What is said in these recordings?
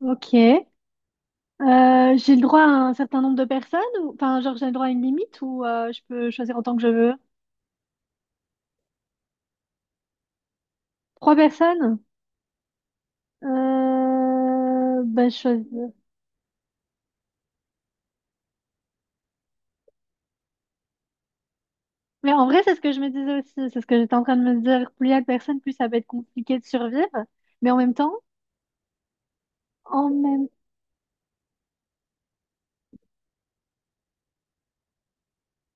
Ok. J'ai le droit à un certain nombre de personnes, j'ai le droit à une limite ou je peux choisir autant que je veux. Trois personnes? Euh, ben, je choisis- Mais en vrai, c'est ce que je me disais aussi, c'est ce que j'étais en train de me dire. Plus il y a de personnes, plus ça va être compliqué de survivre. Mais en même temps, en même,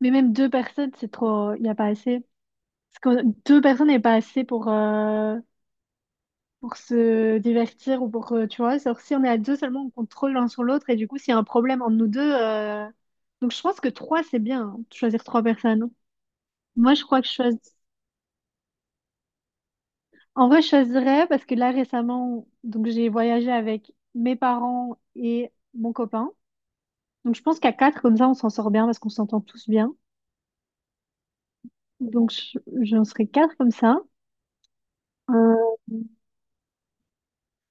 mais même deux personnes, c'est trop, il n'y a pas assez. Parce que deux personnes n'est pas assez pour se divertir ou pour, tu vois, alors si on est à deux seulement, on compte trop l'un sur l'autre et du coup, s'il y a un problème entre nous deux, donc je pense que trois, c'est bien, hein, de choisir trois personnes, hein. Moi, je crois que je choisis, en vrai, je choisirais parce que là, récemment, donc j'ai voyagé avec mes parents et mon copain. Donc je pense qu'à quatre, comme ça, on s'en sort bien parce qu'on s'entend tous bien. J'en serais quatre comme ça. Euh,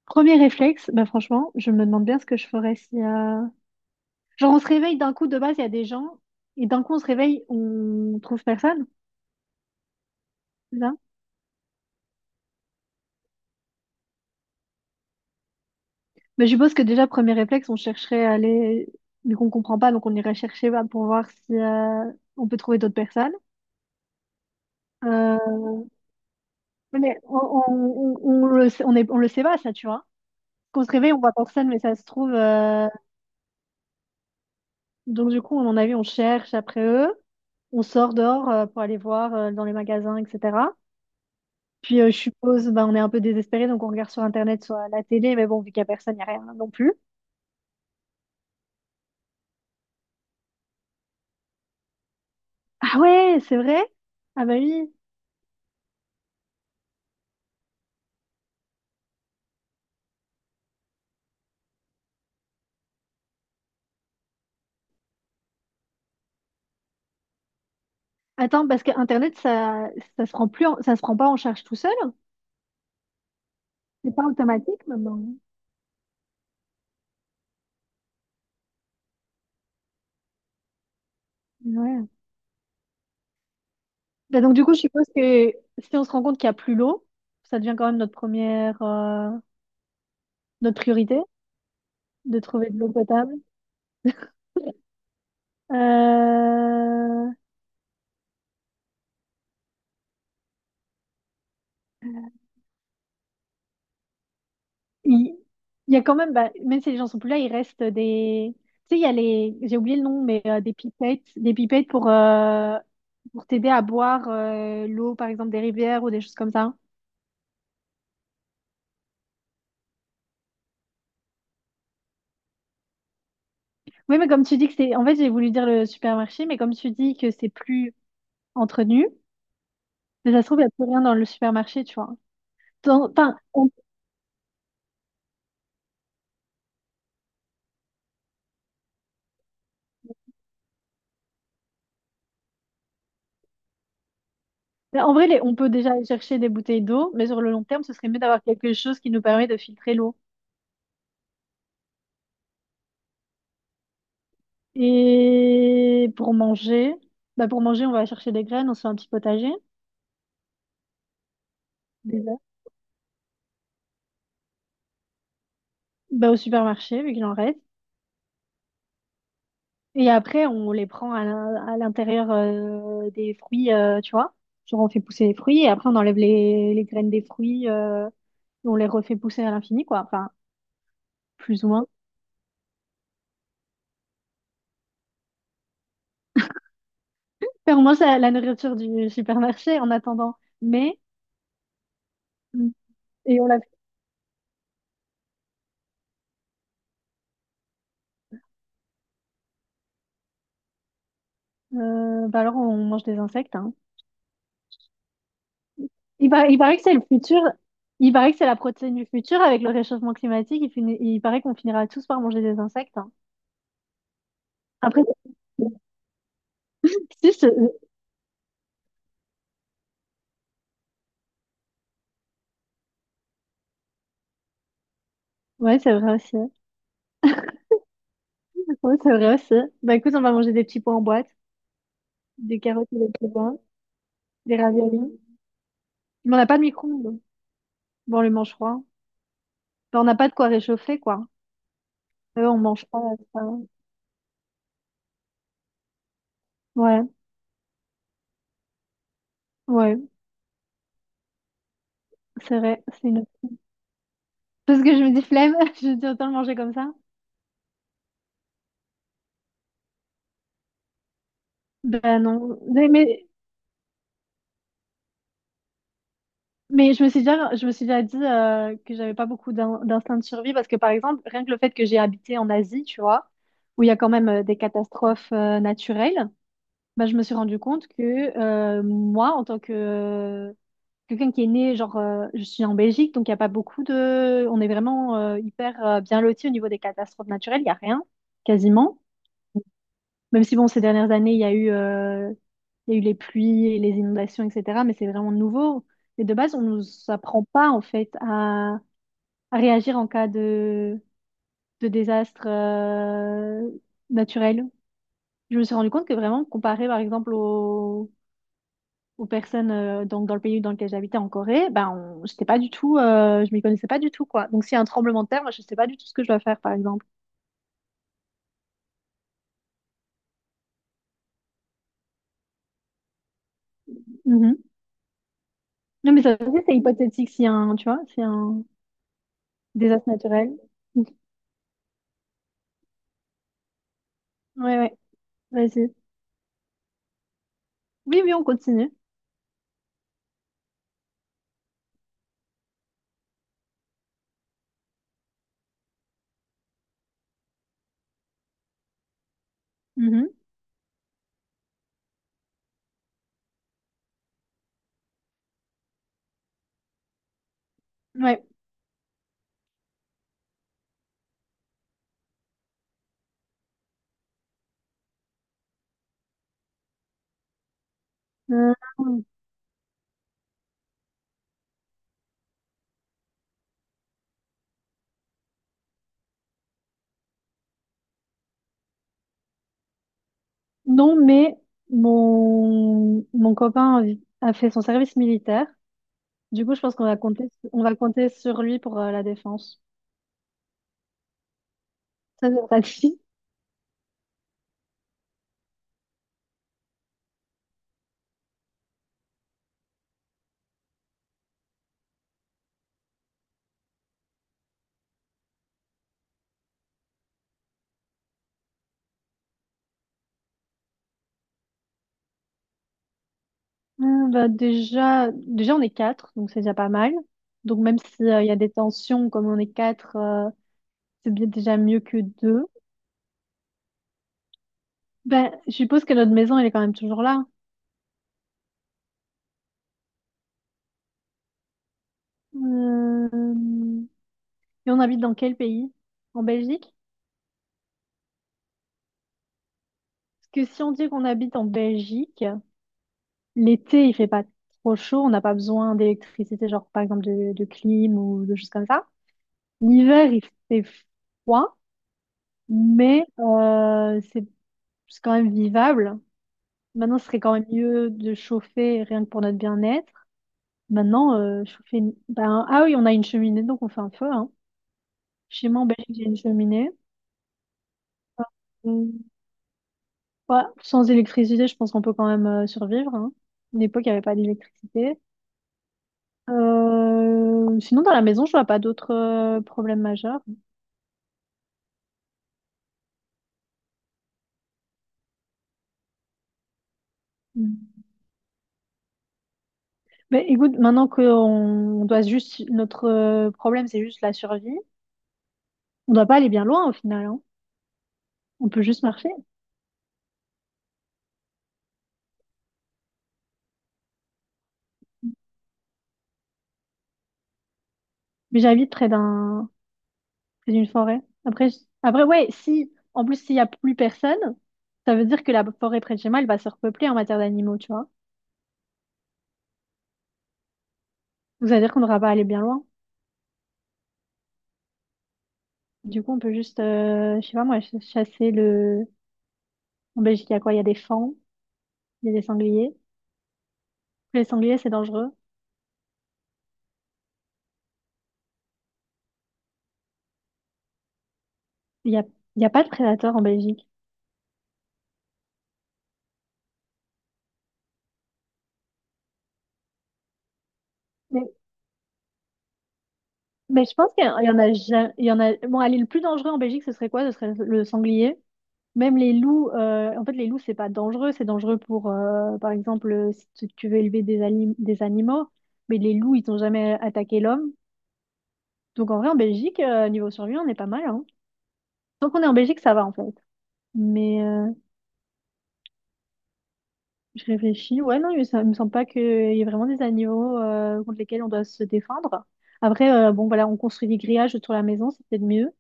Premier réflexe, bah franchement, je me demande bien ce que je ferais si, genre, on se réveille d'un coup, de base, il y a des gens, et d'un coup, on se réveille, on trouve personne, c'est ça? Mais je suppose que déjà, premier réflexe, on chercherait à aller, mais qu'on comprend pas, donc on irait chercher bah, pour voir si on peut trouver d'autres personnes. Euh, mais on, on le sait, on le sait pas, ça, tu vois. Qu'on se réveille, on voit personne, mais ça se trouve. Donc, du coup, à mon avis, on cherche après eux, on sort dehors pour aller voir dans les magasins, etc. Puis je suppose, bah, on est un peu désespéré, donc on regarde sur Internet, soit à la télé, mais bon, vu qu'il n'y a personne, il n'y a rien non plus. Ah ouais, c'est vrai? Ah bah oui. Attends, parce que Internet, ça se prend plus en- ça se prend pas en charge tout seul. C'est pas automatique maintenant. Ouais. Bah, donc du coup, je suppose que si on se rend compte qu'il n'y a plus l'eau, ça devient quand même notre première, notre priorité de trouver de l'eau potable. Euh, il- Il y a quand même, bah, même si les gens sont plus là, il reste des. Tu sais, il y a les. J'ai oublié le nom, mais des pipettes. Des pipettes pour t'aider à boire l'eau, par exemple, des rivières ou des choses comme ça. Oui, mais comme tu dis que c'est. En fait, j'ai voulu dire le supermarché, mais comme tu dis que c'est plus entretenu, mais ça se trouve, il n'y a plus rien dans le supermarché, tu vois. Dans- Enfin, on- En vrai, on peut déjà aller chercher des bouteilles d'eau, mais sur le long terme, ce serait mieux d'avoir quelque chose qui nous permet de filtrer l'eau. Et pour manger, bah pour manger, on va chercher des graines, on se fait un petit potager. Déjà? Bah, au supermarché, vu qu'il en reste. Et après, on les prend à l'intérieur des fruits, tu vois. Genre, on fait pousser les fruits et après, on enlève les graines des fruits et on les refait pousser à l'infini, quoi. Enfin, plus ou moins. Enfin, au moins, c'est la nourriture du supermarché en attendant. Mais, et on l'a, Bah alors, on mange des insectes, hein. Il paraît que c'est le futur. Il paraît que c'est la protéine du futur avec le réchauffement climatique. Il, il paraît qu'on finira tous par manger des insectes, hein. Après, si, je Ouais, c'est vrai aussi. Oui, c'est vrai aussi. Bah écoute, on va manger des petits pois en boîte, des carottes et des petits pois, des raviolis. Mais on n'a pas de micro-ondes. Bon, on les mange froid. Bah, on n'a pas de quoi réchauffer, quoi. Eux, on mange pas. Ça va. Ouais, ouais, c'est vrai. C'est une... Parce que je me dis flemme, je me dis autant le manger comme ça. Ben non. Mais je me suis déjà, je me suis déjà dit que j'avais pas beaucoup d'instinct de survie parce que par exemple, rien que le fait que j'ai habité en Asie, tu vois, où il y a quand même des catastrophes naturelles. Bah, je me suis rendu compte que moi, en tant que quelqu'un qui est né, genre, je suis en Belgique, donc il n'y a pas beaucoup de... On est vraiment hyper bien lotis au niveau des catastrophes naturelles, il n'y a rien, quasiment. Même si, bon, ces dernières années, il y a eu, il y a eu les pluies et les inondations, etc. Mais c'est vraiment nouveau. Et de base, on ne nous apprend pas, en fait, à réagir en cas de désastre naturel. Je me suis rendu compte que vraiment, comparé, par exemple, au aux personnes donc dans le pays dans lequel j'habitais en Corée, ben on, j'étais pas du tout, je m'y connaissais pas du tout quoi. Donc s'il y a un tremblement de terre, moi je sais pas du tout ce que je dois faire par exemple. Mhm. Non mais ça aussi c'est hypothétique s'il y a un, tu vois, s'il y a un désastre naturel. Mhm. Ouais ouais, vas-y. Oui oui on continue. Mhm. Ouais. Euh, non mais mon copain a fait son service militaire. Du coup je pense qu'on va compter on va compter sur lui pour la défense. Ça c'est pratique. Bah, déjà, on est quatre, donc c'est déjà pas mal. Donc même s'il y a des tensions, comme on est quatre, c'est bien déjà mieux que deux. Ben, je suppose que notre maison, elle est quand même toujours là. Euh, Et on habite dans quel pays? En Belgique? Parce que si on dit qu'on habite en Belgique, l'été, il fait pas trop chaud, on n'a pas besoin d'électricité, genre par exemple de clim ou de choses comme ça. L'hiver, il fait froid, mais c'est quand même vivable. Maintenant, ce serait quand même mieux de chauffer rien que pour notre bien-être. Maintenant, Ben, ah oui, on a une cheminée, donc on fait un feu, hein. Chez moi en Belgique, j'ai une cheminée. Mm. Ouais, sans électricité, je pense qu'on peut quand même survivre, hein. À l'époque, il n'y avait pas d'électricité. Sinon, dans la maison, je vois pas d'autres problèmes majeurs. Mm. Mais écoute, maintenant qu'on on doit juste. Notre problème, c'est juste la survie. On doit pas aller bien loin au final, hein. On peut juste marcher. Mais j'habite près d'un C'est une forêt. Après, ouais, si, en plus, s'il y a plus personne, ça veut dire que la forêt près de chez moi, elle va se repeupler en matière d'animaux, tu vois. Donc, ça veut dire qu'on n'aura pas à aller bien loin. Du coup, on peut juste, je sais pas moi, chasser le... En Belgique, il y a quoi? Il y a des fans, il y a des sangliers. Les sangliers, c'est dangereux. Il y a, il y a pas de prédateurs en Belgique. Mais, mais je pense qu'il y en a, il y en a... Bon, allez, le plus dangereux en Belgique, ce serait quoi? Ce serait le sanglier. Même les loups, en fait, les loups, c'est pas dangereux. C'est dangereux pour, par exemple, si tu tu veux élever des, des animaux. Mais les loups, ils n'ont jamais attaqué l'homme. Donc, en vrai, en Belgique, niveau survie, on est pas mal, hein. Tant qu'on est en Belgique, ça va, en fait. Mais je réfléchis. Ouais, non, ça me semble pas qu'il y ait vraiment des animaux contre lesquels on doit se défendre. Après, bon, voilà, on construit des grillages autour de la maison, c'est peut-être mieux.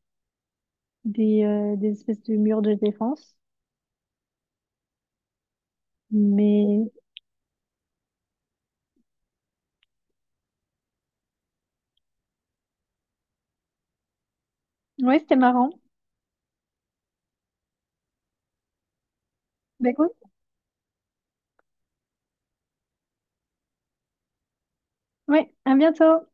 Des espèces de murs de défense. Mais ouais, c'était marrant. Bah, écoute, ouais, à bientôt!